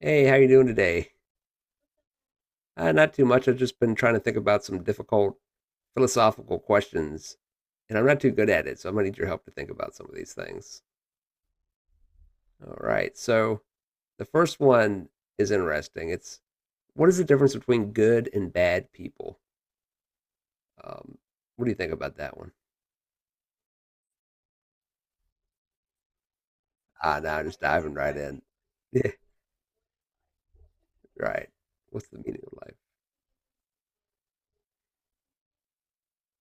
Hey, how you doing today? Not too much. I've just been trying to think about some difficult philosophical questions, and I'm not too good at it, so I'm gonna need your help to think about some of these things. All right. So the first one is interesting. It's what is the difference between good and bad people? Um, what do you think about that one? Ah, now just diving right in. Yeah, right. What's the meaning of life?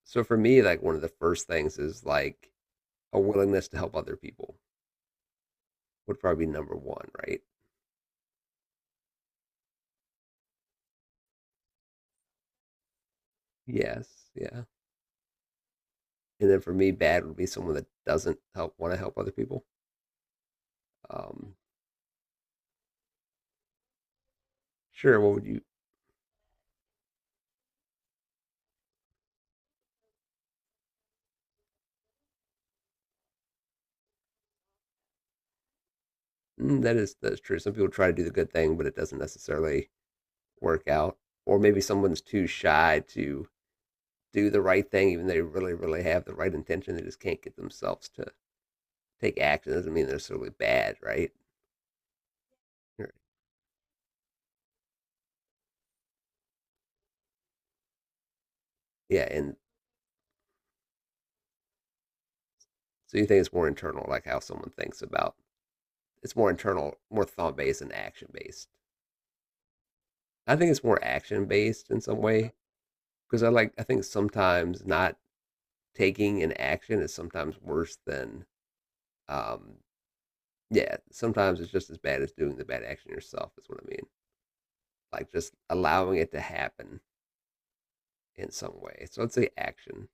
So for me, like one of the first things is like a willingness to help other people would probably be number one, right? Yes, yeah. And then for me, bad would be someone that doesn't help want to help other people. Um, sure, what would you? Mm, that's true. Some people try to do the good thing, but it doesn't necessarily work out. Or maybe someone's too shy to do the right thing, even though they really, really have the right intention. They just can't get themselves to take action. Doesn't mean they're necessarily bad, right? Or- Yeah, and so you think it's more internal, like how someone thinks about. It's more internal, more thought based and action based. I think it's more action based in some way because I think sometimes not taking an action is sometimes worse than um yeah, sometimes it's just as bad as doing the bad action yourself is what I mean, like just allowing it to happen in some way, so I'd say action.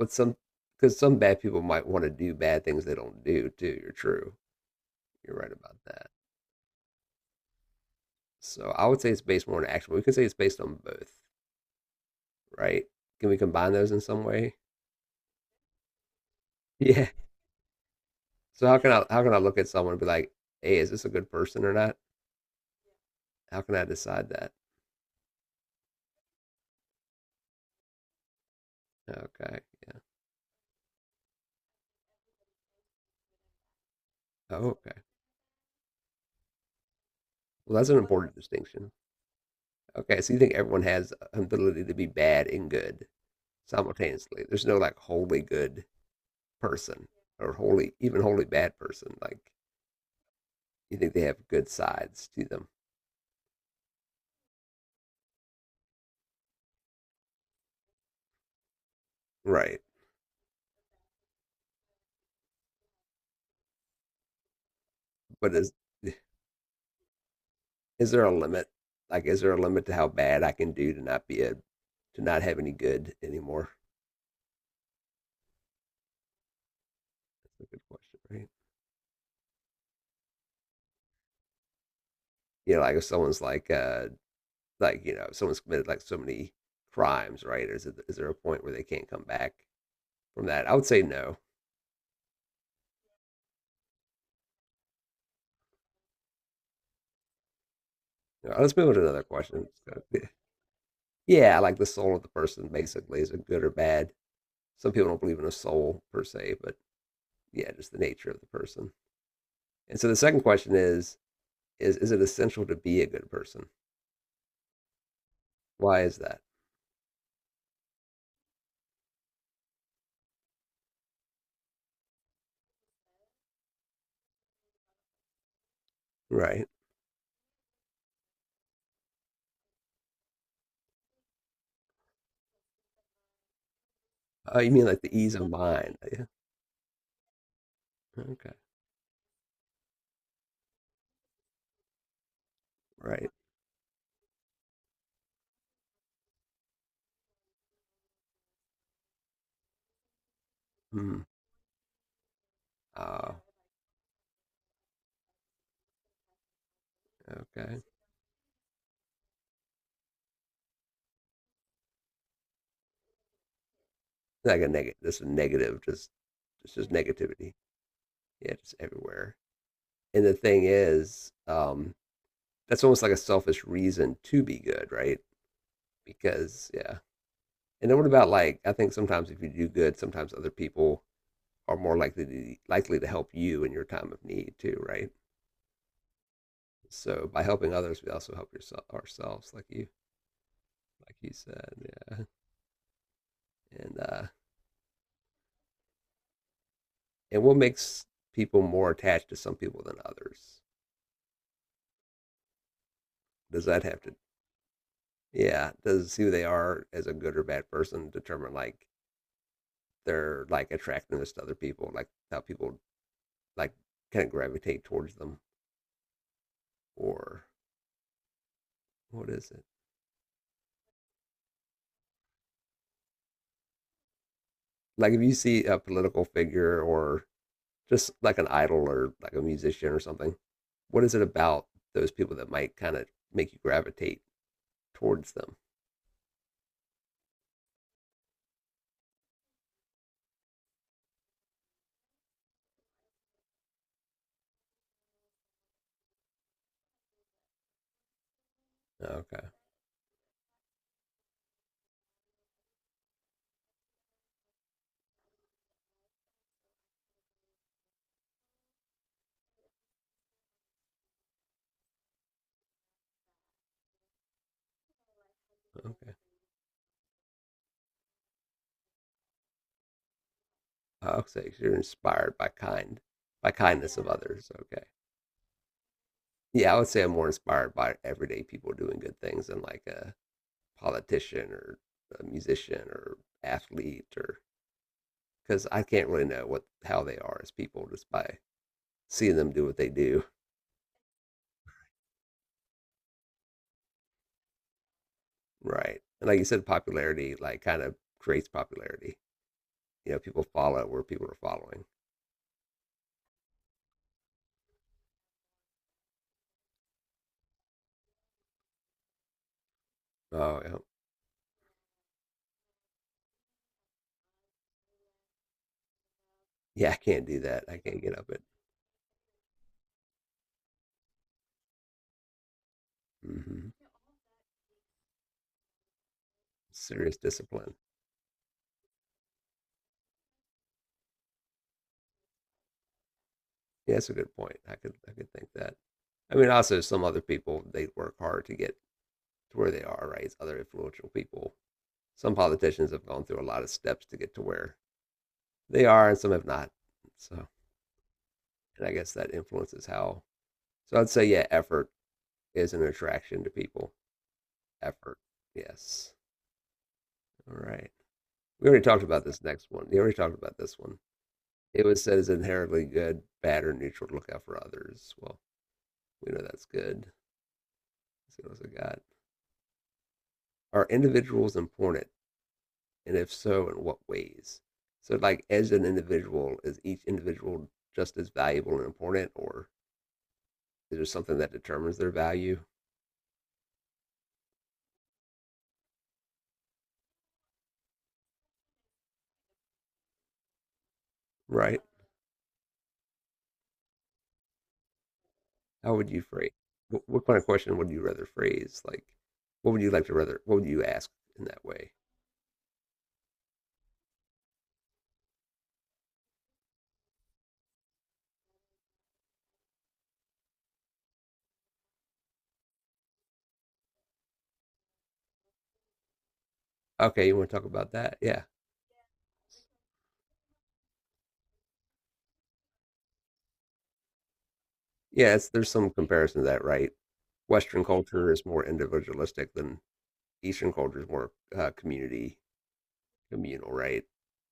But some, because some bad people might want to do bad things they don't do too, you're right about that. So I would say it's based more on action. We can say it's based on both, right? Can we combine those in some way? Yeah. So how can I look at someone and be like, hey, is this a good person or not? How can I decide that? Okay. Oh, okay. Well, that's an important distinction. Okay, so you think everyone has an ability to be bad and good simultaneously? There's no like wholly good person or wholly, even wholly bad person. Like you think they have good sides to them, right? But is there a limit? Like, is there a limit to how bad I can do to not be a to not have any good anymore? That's a good question, right? You know, like if someone's like you know, someone's committed like so many crimes, right? Is there a point where they can't come back from that? I would say no. You let's move on to another question. So, yeah, like the soul of the person, basically, is it good or bad? Some people don't believe in a soul per se, but yeah, just the nature of the person. And so the second question is is it essential to be a good person? Why is that? Right. Oh, you mean like the ease of mind? Yeah. Okay. Right. Hmm. Ah, okay. Like a negative. This is negative. Just it's just negativity. Yeah, just everywhere. And the thing is, that's almost like a selfish reason to be good, right? Because yeah. And then what about like I think sometimes if you do good, sometimes other people are more likely to help you in your time of need too, right? So by helping others, we also help yourself ourselves, like you said, yeah. And uh, and what makes people more attached to some people than others? Does that have to yeah? Does who they are as a good or bad person determine like they're like attractiveness to other people, like how people like kind of gravitate towards them, or what is it? Like if you see a political figure or just like an idol or like a musician or something, what is it about those people that might kind of make you gravitate towards them? Okay, okay. I'll say you're inspired by kind, by kindness of others. Okay. Yeah, I would say I'm more inspired by everyday people doing good things than like politician or a musician or athlete, or because I can't really know what how they are as people just by seeing them do what they do. Right. And like you said, popularity like kind of creates popularity. You know, people follow where people are following. Oh yeah. Yeah, I can't do that. I can't get up it. hmm Serious discipline. Yeah, that's a good point. I could think that. I mean also some other people they work hard to get to where they are, right? It's other influential people. Some politicians have gone through a lot of steps to get to where they are and some have not. So, and I guess that influences how. So I'd say, yeah, effort is an attraction to people. Effort. Yes. All right. We already talked about this next one. We already talked about this one. It was said as inherently good, bad, or neutral to look out for others. Well, we know that's good. Let's see what else I got. Are individuals important? And if so, in what ways? So, like, as an individual, is each individual just as valuable and important, or is there something that determines their value? Right. How would you phrase? What kind of question would you rather phrase? Like, what would you like to rather? What would you ask in that way? Okay, you want to talk about that? Yeah, yeah. It's, there's some comparison to that, right? Western culture is more individualistic than Eastern culture is more community communal, right?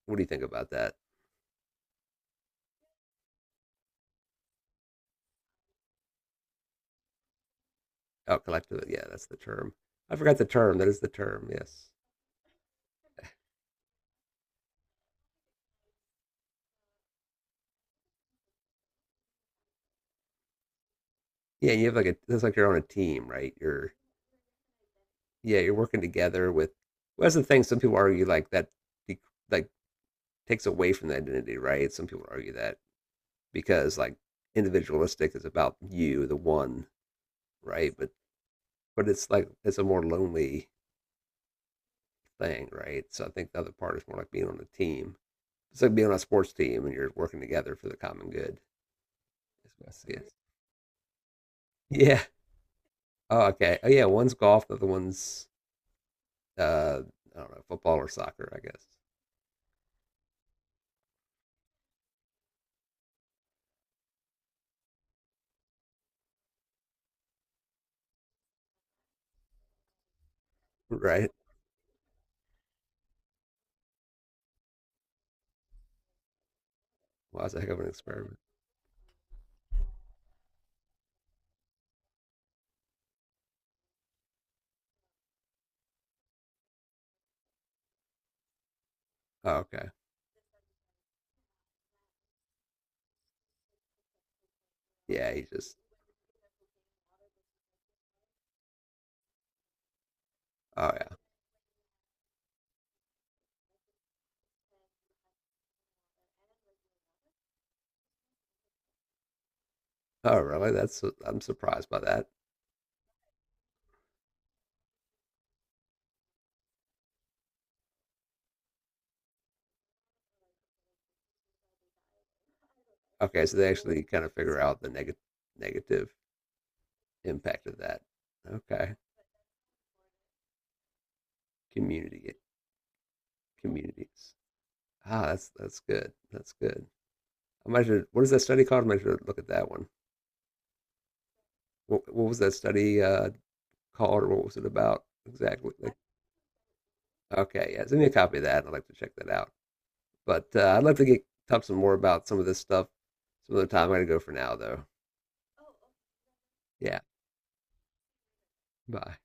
What do you think about that? Oh, collective. Yeah, that's the term. I forgot the term. That is the term. Yes. Yeah, you have like a. That's like you're on a team, right? You're yeah, you're working together with. Well, that's the thing. Some people argue like that, de- like takes away from the identity, right? Some people argue that because like individualistic is about you, the one, right? But it's like it's a more lonely thing, right? So I think the other part is more like being on a team. It's like being on a sports team and you're working together for the common good. Yes. What? Yeah. Oh, okay. Oh, yeah. One's golf, the other one's uh, I don't know, football or soccer, I guess. Right? Well, that's a heck of an experiment. Oh, okay. Yeah, he just. Oh, yeah. Oh, really? That's. I'm surprised by that. Okay, so they actually kind of figure out the negative impact of that. Okay, community communities. Ah, that's good. That's good. I might should, what is that study called? I might should look at that one. What was that study called, or what was it about exactly? Like, okay, yeah, send me a copy of that. I'd like to check that out. But I'd like to get talk some more about some of this stuff some other time. I'm gonna go for now, though. Yeah, bye.